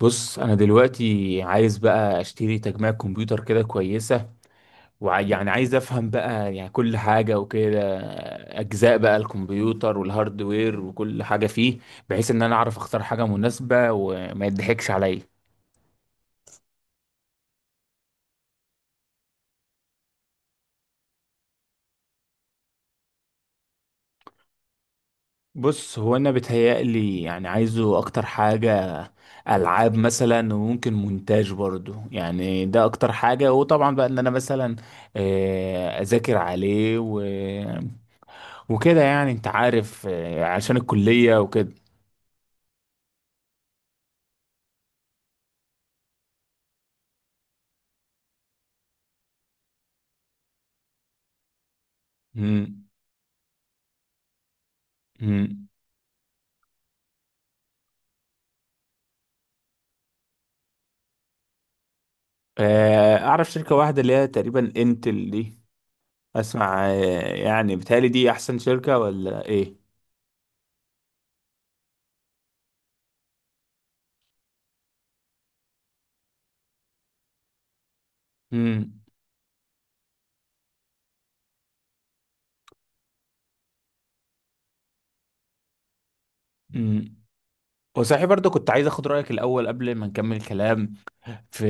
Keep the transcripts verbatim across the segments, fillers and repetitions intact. بص، انا دلوقتي عايز بقى اشتري تجميع كمبيوتر كده كويسه. ويعني عايز افهم بقى يعني كل حاجه وكده، اجزاء بقى الكمبيوتر والهاردوير وكل حاجه فيه، بحيث ان انا اعرف اختار حاجه مناسبه وما يضحكش عليا. بص، هو انا بتهيألي يعني عايزه اكتر حاجه العاب مثلا، وممكن مونتاج برضو. يعني ده اكتر حاجه. وطبعا بقى ان انا مثلا آه، اذاكر عليه وكده، يعني انت عارف، آه، عشان الكلية وكده. مم. مم. آه، اعرف شركة واحدة اللي هي تقريبا انتل دي. اسمع آه، يعني بتهيألي دي احسن شركة ولا ايه؟ مم. مم. وصحيح برضه كنت عايز اخد رأيك الاول قبل ما نكمل الكلام في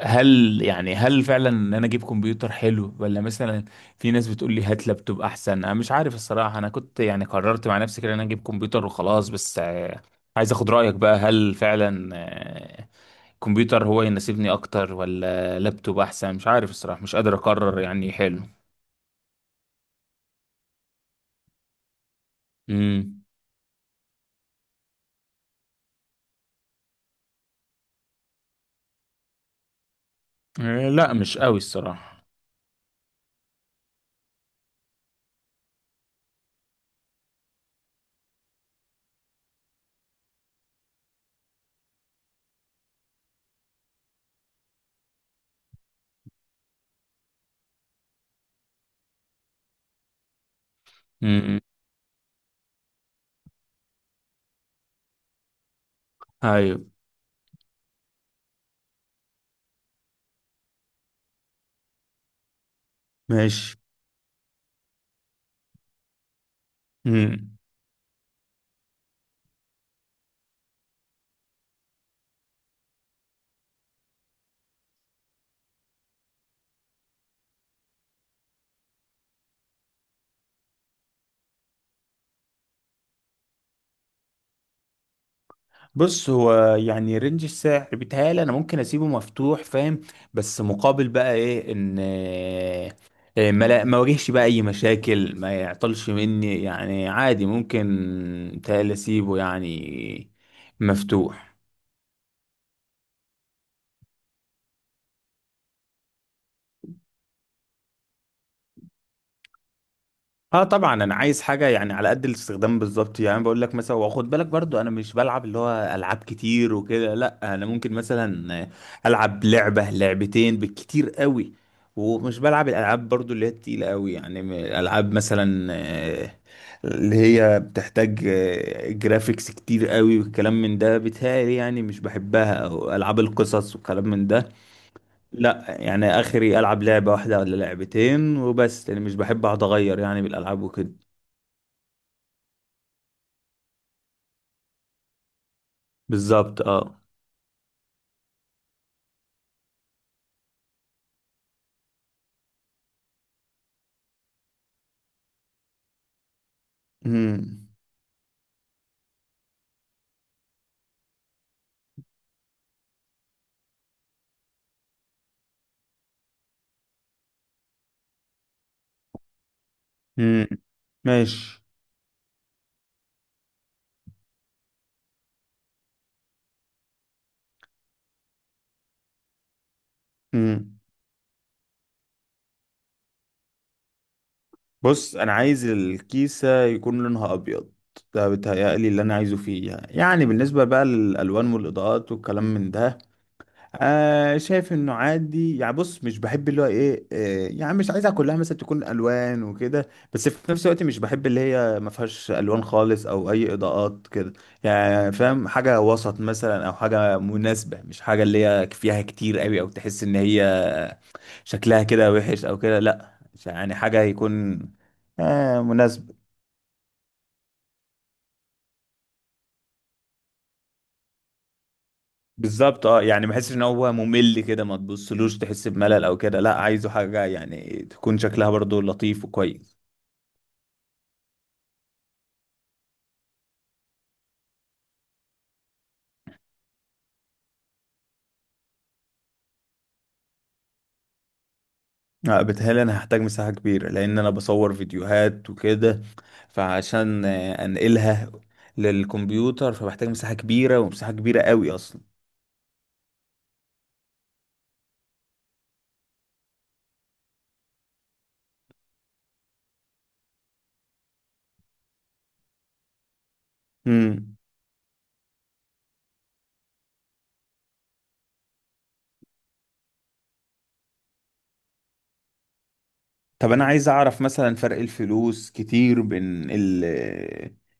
آه، هل يعني هل فعلا ان انا اجيب كمبيوتر حلو، ولا مثلا في ناس بتقول لي هات لابتوب احسن. انا مش عارف الصراحة، انا كنت يعني قررت مع نفسي كده ان انا اجيب كمبيوتر وخلاص. بس عايز اخد رأيك بقى، هل فعلا آه، الكمبيوتر هو يناسبني اكتر ولا لابتوب احسن؟ مش عارف الصراحة، مش قادر اقرر يعني. حلو. امم. آه، لا مش قوي الصراحة. امم. ايوه. ماشي. امم. بص، هو يعني رينج السعر بيتهيألي انا ممكن اسيبه مفتوح، فاهم. بس مقابل بقى ايه؟ ان آه، آه، ما لا- ما واجهش بقى اي مشاكل، ما يعطلش مني، يعني عادي ممكن. بيتهيألي اسيبه يعني مفتوح. اه طبعا، انا عايز حاجه يعني على قد الاستخدام بالظبط. يعني بقول لك مثلا، واخد بالك برضو انا مش بلعب اللي هو العاب كتير وكده. لا، انا ممكن مثلا العب لعبه لعبتين بالكتير قوي. ومش بلعب الالعاب برضو اللي هي التقيله قوي، يعني م- العاب مثلا، آه، اللي هي بتحتاج آه، جرافيكس كتير قوي والكلام من ده. بتهيألي يعني مش بحبها، او العاب القصص والكلام من ده. لا يعني اخري العب لعبه واحده ولا لعبتين وبس. يعني مش بحب اقعد اغير يعني بالالعاب وكده. بالظبط، اه. امم. امم. ماشي. امم. بص، انا عايز الكيسه يكون لونها ابيض. ده بيتهيألي اللي انا عايزه فيه. يعني يعني بالنسبه بقى للالوان والاضاءات والكلام من ده، آه شايف انه عادي. يعني بص مش بحب اللي هو ايه، آه يعني مش عايزها كلها مثلا تكون الوان وكده، بس في نفس الوقت مش بحب اللي هي ما فيهاش الوان خالص او اي اضاءات كده. يعني فاهم، حاجه وسط مثلا او حاجه مناسبه، مش حاجه اللي هي فيها كتير قوي او تحس ان هي شكلها كده وحش او كده. لا، يعني حاجه يكون آه مناسب. بالظبط اه، يعني ما احسش ان هو ممل كده، ما تبصلوش تحس بملل او كده. لا، عايزه حاجه يعني تكون شكلها برضو لطيف وكويس. آه بتهيألي انا هحتاج مساحه كبيره لان انا بصور فيديوهات وكده، فعشان آه، انقلها للكمبيوتر، فبحتاج مساحه كبيره، ومساحه كبيره قوي اصلا. مم. طب انا عايز اعرف مثلا فرق الفلوس كتير بين ال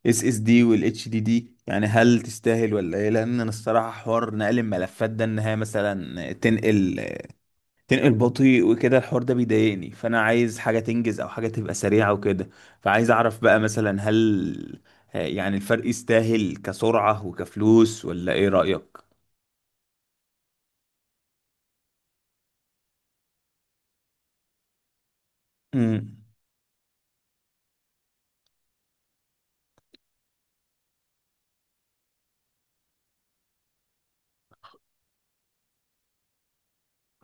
اس اس دي وال اتش دي دي، يعني هل تستاهل ولا ايه؟ لان انا الصراحه حوار نقل الملفات ده، انها مثلا تنقل تنقل بطيء وكده، الحوار ده بيضايقني، فانا عايز حاجه تنجز او حاجه تبقى سريعه وكده. فعايز اعرف بقى مثلا، هل يعني الفرق يستاهل كسرعه وكفلوس، ولا ايه رايك؟ امم.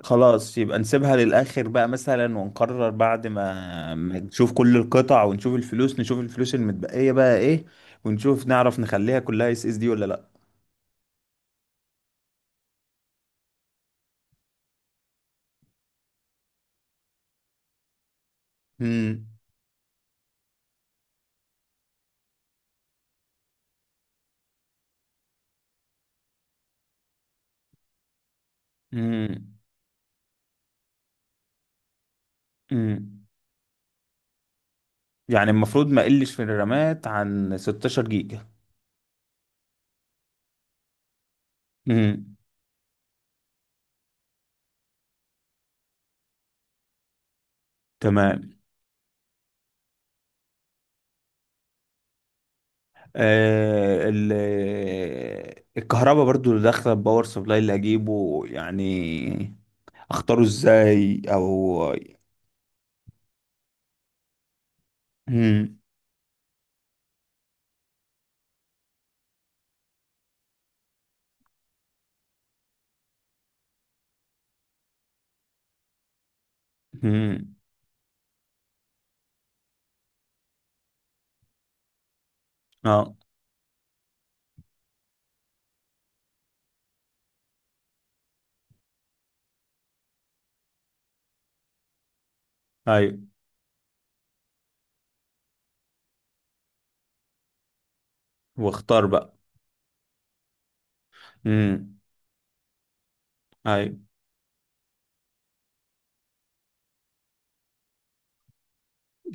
خلاص، يبقى نسيبها للآخر بقى مثلا، ونقرر بعد ما ما نشوف كل القطع ونشوف الفلوس، نشوف الفلوس المتبقية بقى ايه. ونشوف، نعرف نخليها كلها اس اس دي ولا لا. امم. امم. امم. يعني المفروض ما قلش في الرامات عن ستاشر جيجا. امم. تمام. آه ال الكهرباء برضو اللي داخله الباور سبلاي اللي هجيبه، يعني اختاره ازاي، او. امم. امم. اه. ايوه. واختار بقى. امم. ايوه.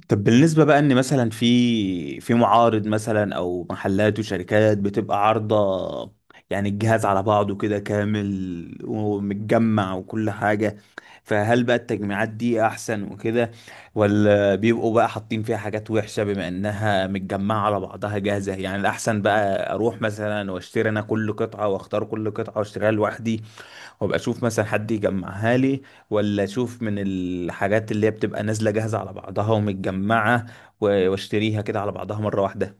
طب بالنسبه بقى ان مثلا في في معارض مثلا او محلات وشركات بتبقى عارضه، يعني الجهاز على بعضه كده كامل ومتجمع وكل حاجه. فهل بقى التجميعات دي احسن وكده، ولا بيبقوا بقى حاطين فيها حاجات وحشه بما انها متجمعه على بعضها جاهزه؟ يعني الاحسن بقى اروح مثلا واشتري انا كل قطعه، واختار كل قطعه واشتريها لوحدي، وابقى اشوف مثلا حد يجمعها لي، ولا اشوف من الحاجات اللي هي بتبقى نازله جاهزه على بعضها ومتجمعه، و- واشتريها كده على بعضها مره واحده؟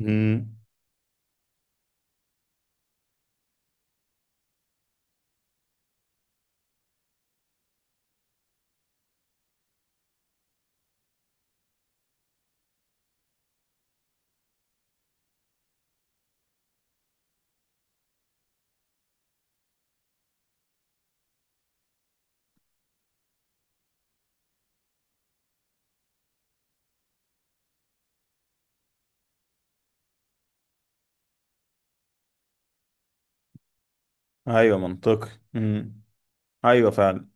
امم. ايوه منطقي. امم. ايوه فعلا.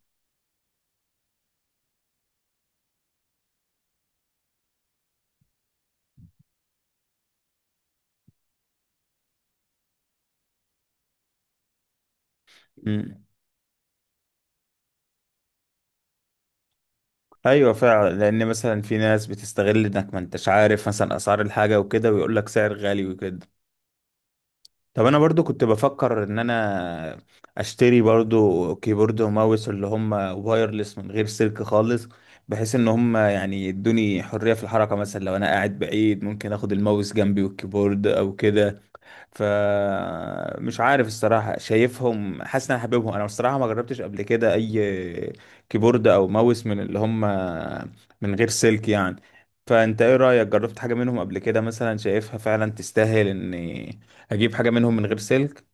امم. ايوه فعلا، لان مثلا في ناس بتستغل انك ما انتش عارف مثلا اسعار الحاجه وكده، ويقول لك سعر غالي وكده. طب انا برضو كنت بفكر ان انا اشتري برضو كيبورد وماوس اللي هم وايرلس من غير سلك خالص، بحيث ان هم يعني يدوني حرية في الحركة، مثلا لو انا قاعد بعيد ممكن اخد الماوس جنبي والكيبورد او كده. فمش عارف الصراحة، شايفهم حاسس ان انا حاببهم. انا الصراحة ما جربتش قبل كده اي كيبورد او ماوس من اللي هم من غير سلك يعني. فانت ايه رأيك؟ جربت حاجة منهم قبل كده مثلا، شايفها فعلا تستاهل ان هجيب حاجة منهم من غير سلك؟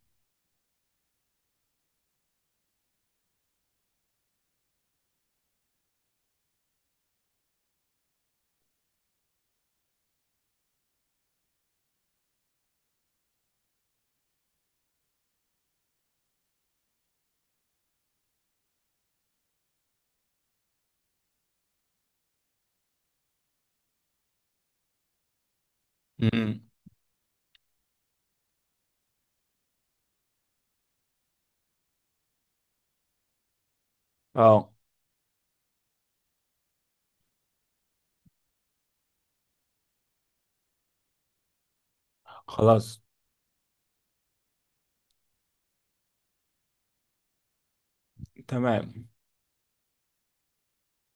امم. اه. خلاص. تمام.